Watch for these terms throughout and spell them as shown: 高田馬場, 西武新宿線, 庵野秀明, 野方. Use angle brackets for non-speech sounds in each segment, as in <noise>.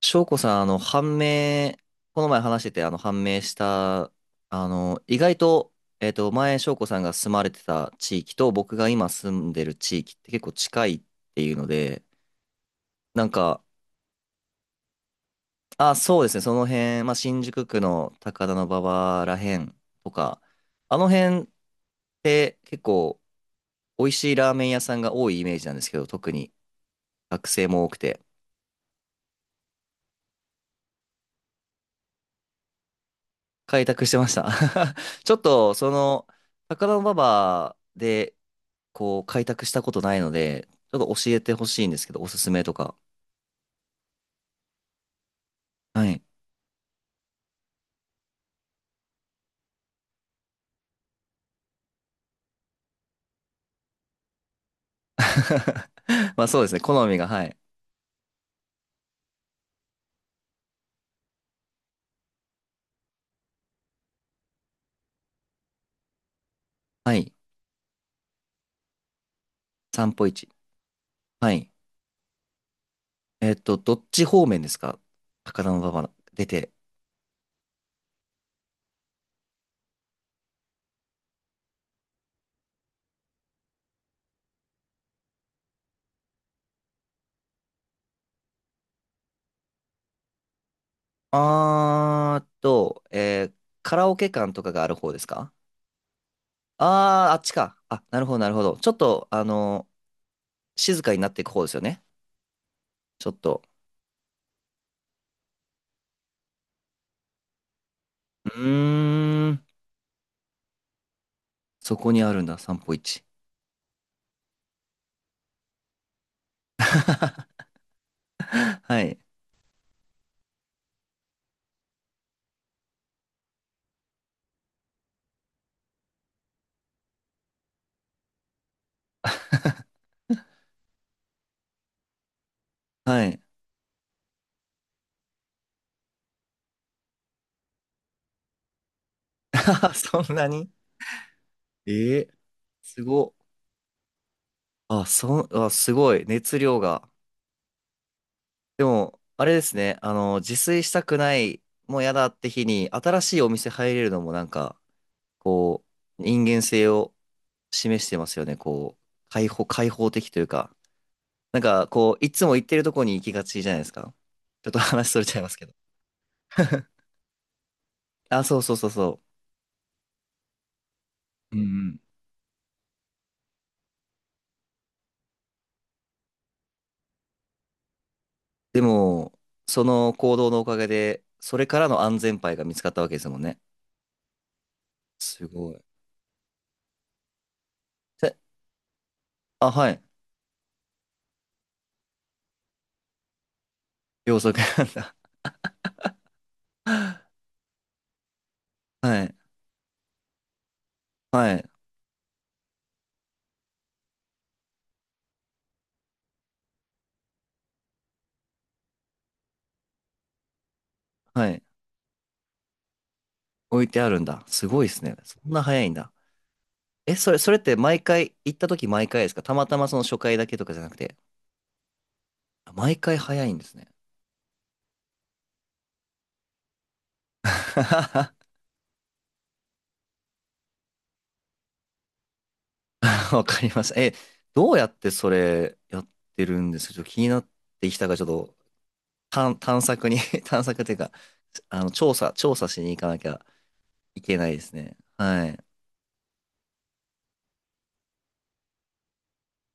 翔子さん、この前話してて、判明した、意外と、前、翔子さんが住まれてた地域と、僕が今住んでる地域って結構近いっていうので、なんか、あ、そうですね、その辺、まあ、新宿区の高田馬場らへんとか、あの辺って結構、美味しいラーメン屋さんが多いイメージなんですけど、特に学生も多くて、開拓してました。<laughs> ちょっと、高田馬場で、こう、開拓したことないので、ちょっと教えてほしいんですけど、おすすめとか。はい。<laughs> まあそうですね、好みが、はい。はい。散歩市。はい。どっち方面ですか？高田馬場出て。あーっと、えーカラオケ館とかがある方ですか？あー、あっちか。あ、なるほど、なるほど。ちょっと、静かになっていく方ですよね。ちょっと。うーん、そこにあるんだ、散歩市。<laughs> はい。はい。<laughs> そんなにええすご。あ、あ、すごい。熱量が。でも、あれですね。自炊したくない、もうやだって日に、新しいお店入れるのもなんか、こう、人間性を示してますよね。こう、開放的というか。なんか、こう、いつも行ってるとこに行きがちじゃないですか。ちょっと話それちゃいますけど。<laughs> あ、そうそうそうそう。うんうん。でも、その行動のおかげで、それからの安全牌が見つかったわけですもんね。すごい。え、あ、はい。秒速なんだ。<laughs> はい、はい、はい。置いてあるんだ。すごいですね。そんな早いんだ。え、それって毎回、行った時毎回ですか？たまたまその初回だけとかじゃなくて、あ、毎回早いんですね。<laughs> わかりました。え、どうやってそれやってるんですか？ちょっと気になってきたから、ちょっと探索に <laughs> 探索っていうか、調査しに行かなきゃいけないですね。はい。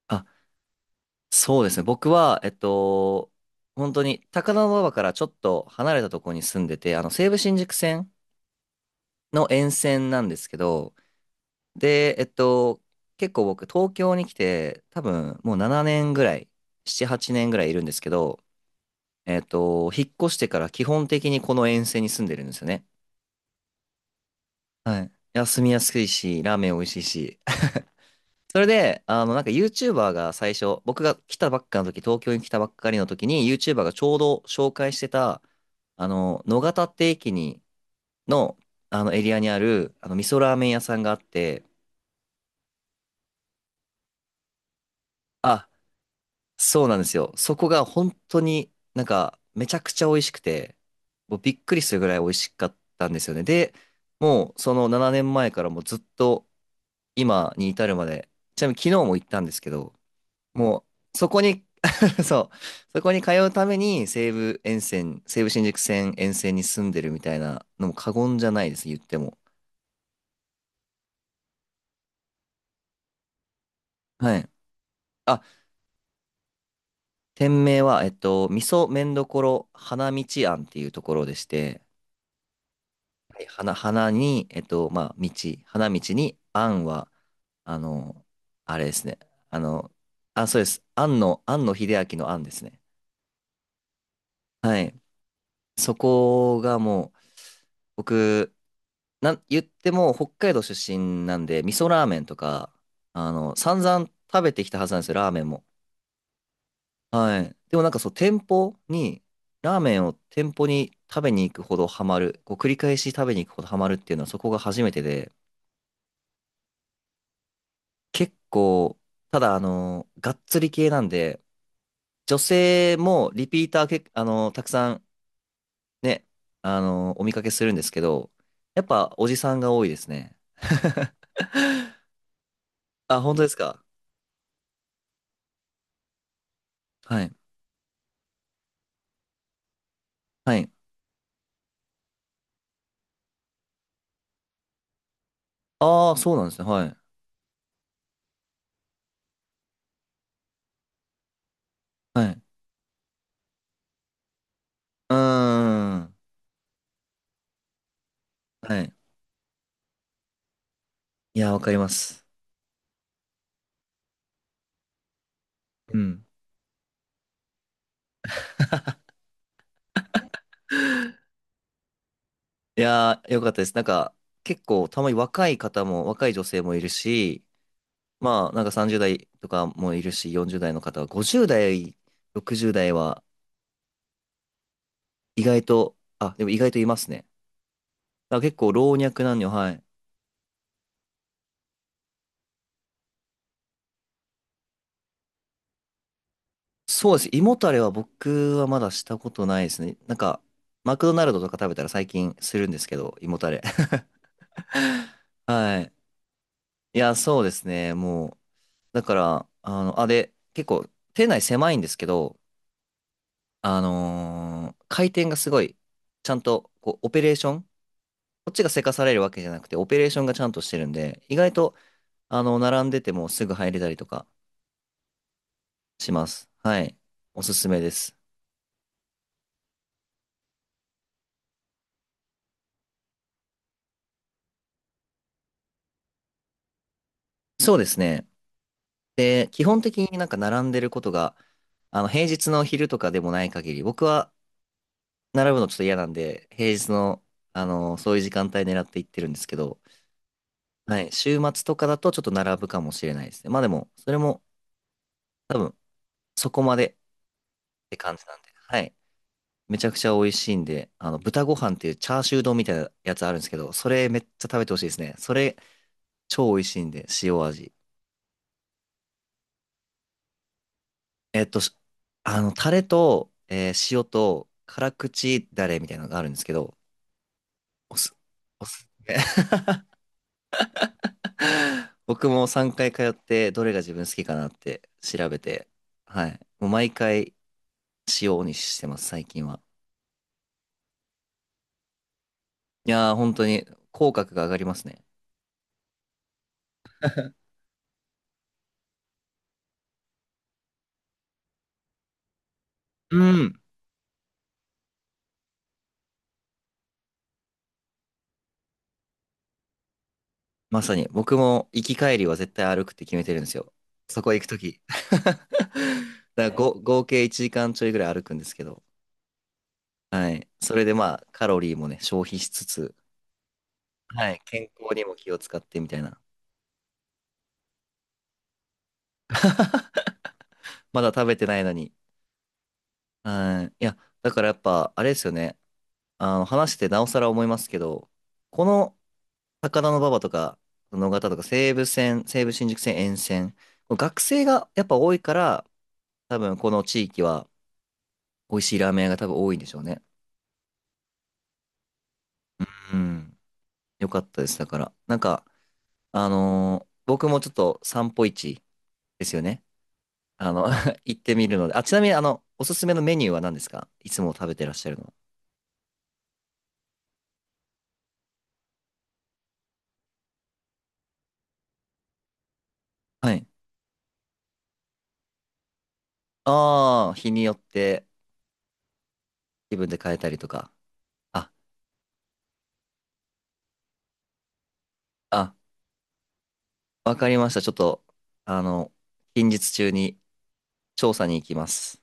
あ、そうですね。僕は、本当に高田馬場からちょっと離れたところに住んでて、西武新宿線の沿線なんですけど、で、結構僕、東京に来て、多分もう7年ぐらい、7、8年ぐらいいるんですけど、引っ越してから基本的にこの沿線に住んでるんですよね。はい。いや住みやすいし、ラーメン美味しいし。<laughs> それで、なんか YouTuber が最初、僕が来たばっかの時、東京に来たばっかりの時に、YouTuber がちょうど紹介してた、野方って駅に、の、あのエリアにある、味噌ラーメン屋さんがあって、あ、そうなんですよ。そこが本当になんか、めちゃくちゃ美味しくて、もうびっくりするぐらい美味しかったんですよね。で、もうその7年前からもうずっと今に至るまで、ちなみに昨日も行ったんですけど、もう、そこに <laughs> そう、そこに通うために西武沿線、西武新宿線沿線に住んでるみたいなのも過言じゃないです、言っても。はい。あ、店名は、味噌麺どころ花道庵っていうところでして、はい花に、まあ、道、花道に庵は、あの、あれですね。あの、あ、そうです。庵の、庵野秀明の庵ですね。はい。そこがもう、僕、言っても北海道出身なんで、味噌ラーメンとか、散々食べてきたはずなんですよ、ラーメンも。はい。でもなんかそう、店舗に、ラーメンを店舗に食べに行くほどハマる、こう繰り返し食べに行くほどハマるっていうのはそこが初めてで、結構、ただがっつり系なんで、女性もリピーターけ、たくさんね、お見かけするんですけど、やっぱおじさんが多いですね。<laughs> あ、本当ですか。はい。はい。ああ、そうなんですね。はい。はい。うーん。はい。いや、わかります。うん。いやー、よかったです。なんか、結構、たまに若い方も、若い女性もいるし、まあ、なんか30代とかもいるし、40代の方は、50代、60代は、意外と、あ、でも意外といますね。だから結構、老若男女、はい。そうです。胃もたれは僕はまだしたことないですね。なんか、マクドナルドとか食べたら最近するんですけど、胃もたれ。<laughs> はい。いや、そうですね。もう、だから、あ、で、結構、店内狭いんですけど、回転がすごい、ちゃんと、こう、オペレーション、こっちがせかされるわけじゃなくて、オペレーションがちゃんとしてるんで、意外と、並んでてもすぐ入れたりとかします。はい。おすすめです。そうですね。で、基本的になんか並んでることが、平日の昼とかでもない限り、僕は並ぶのちょっと嫌なんで、平日の、そういう時間帯狙って行ってるんですけど、はい。週末とかだとちょっと並ぶかもしれないですね。まあでも、それも多分そこまでって感じなんで。はい。めちゃくちゃ美味しいんで、豚ご飯っていうチャーシュー丼みたいなやつあるんですけど、それめっちゃ食べてほしいですね。それ超美味しいんで、塩味。えっと、しあの、タレと、塩と辛口ダレみたいなのがあるんですけど、おす、おすすめ <laughs> 僕も3回通ってどれが自分好きかなって調べて、はい。もう毎回塩にしてます、最近は。いやー、本当に口角が上がりますね。うん。まさに、僕も行き帰りは絶対歩くって決めてるんですよ。そこ行くとき。<laughs> だからご合計1時間ちょいぐらい歩くんですけど、はい。それでまあ、カロリーもね、消費しつつ、はい。健康にも気を使ってみたいな。まだ食べてないのに。はい。いや、だからやっぱ、あれですよね。話してなおさら思いますけど、この高田馬場とか、野方とか、西武線、西武新宿線沿線、学生がやっぱ多いから、多分この地域は美味しいラーメン屋が多分多いんでしょうね。うん。よかったです。だから、なんか、僕もちょっと散歩市ですよね。あの <laughs> 行ってみるので。あ、ちなみに、おすすめのメニューは何ですか？いつも食べてらっしゃるのは。はい。ああ、日によって気分で変えたりとか。ああ、わかりました。ちょっと、あの、近日中に調査に行きます。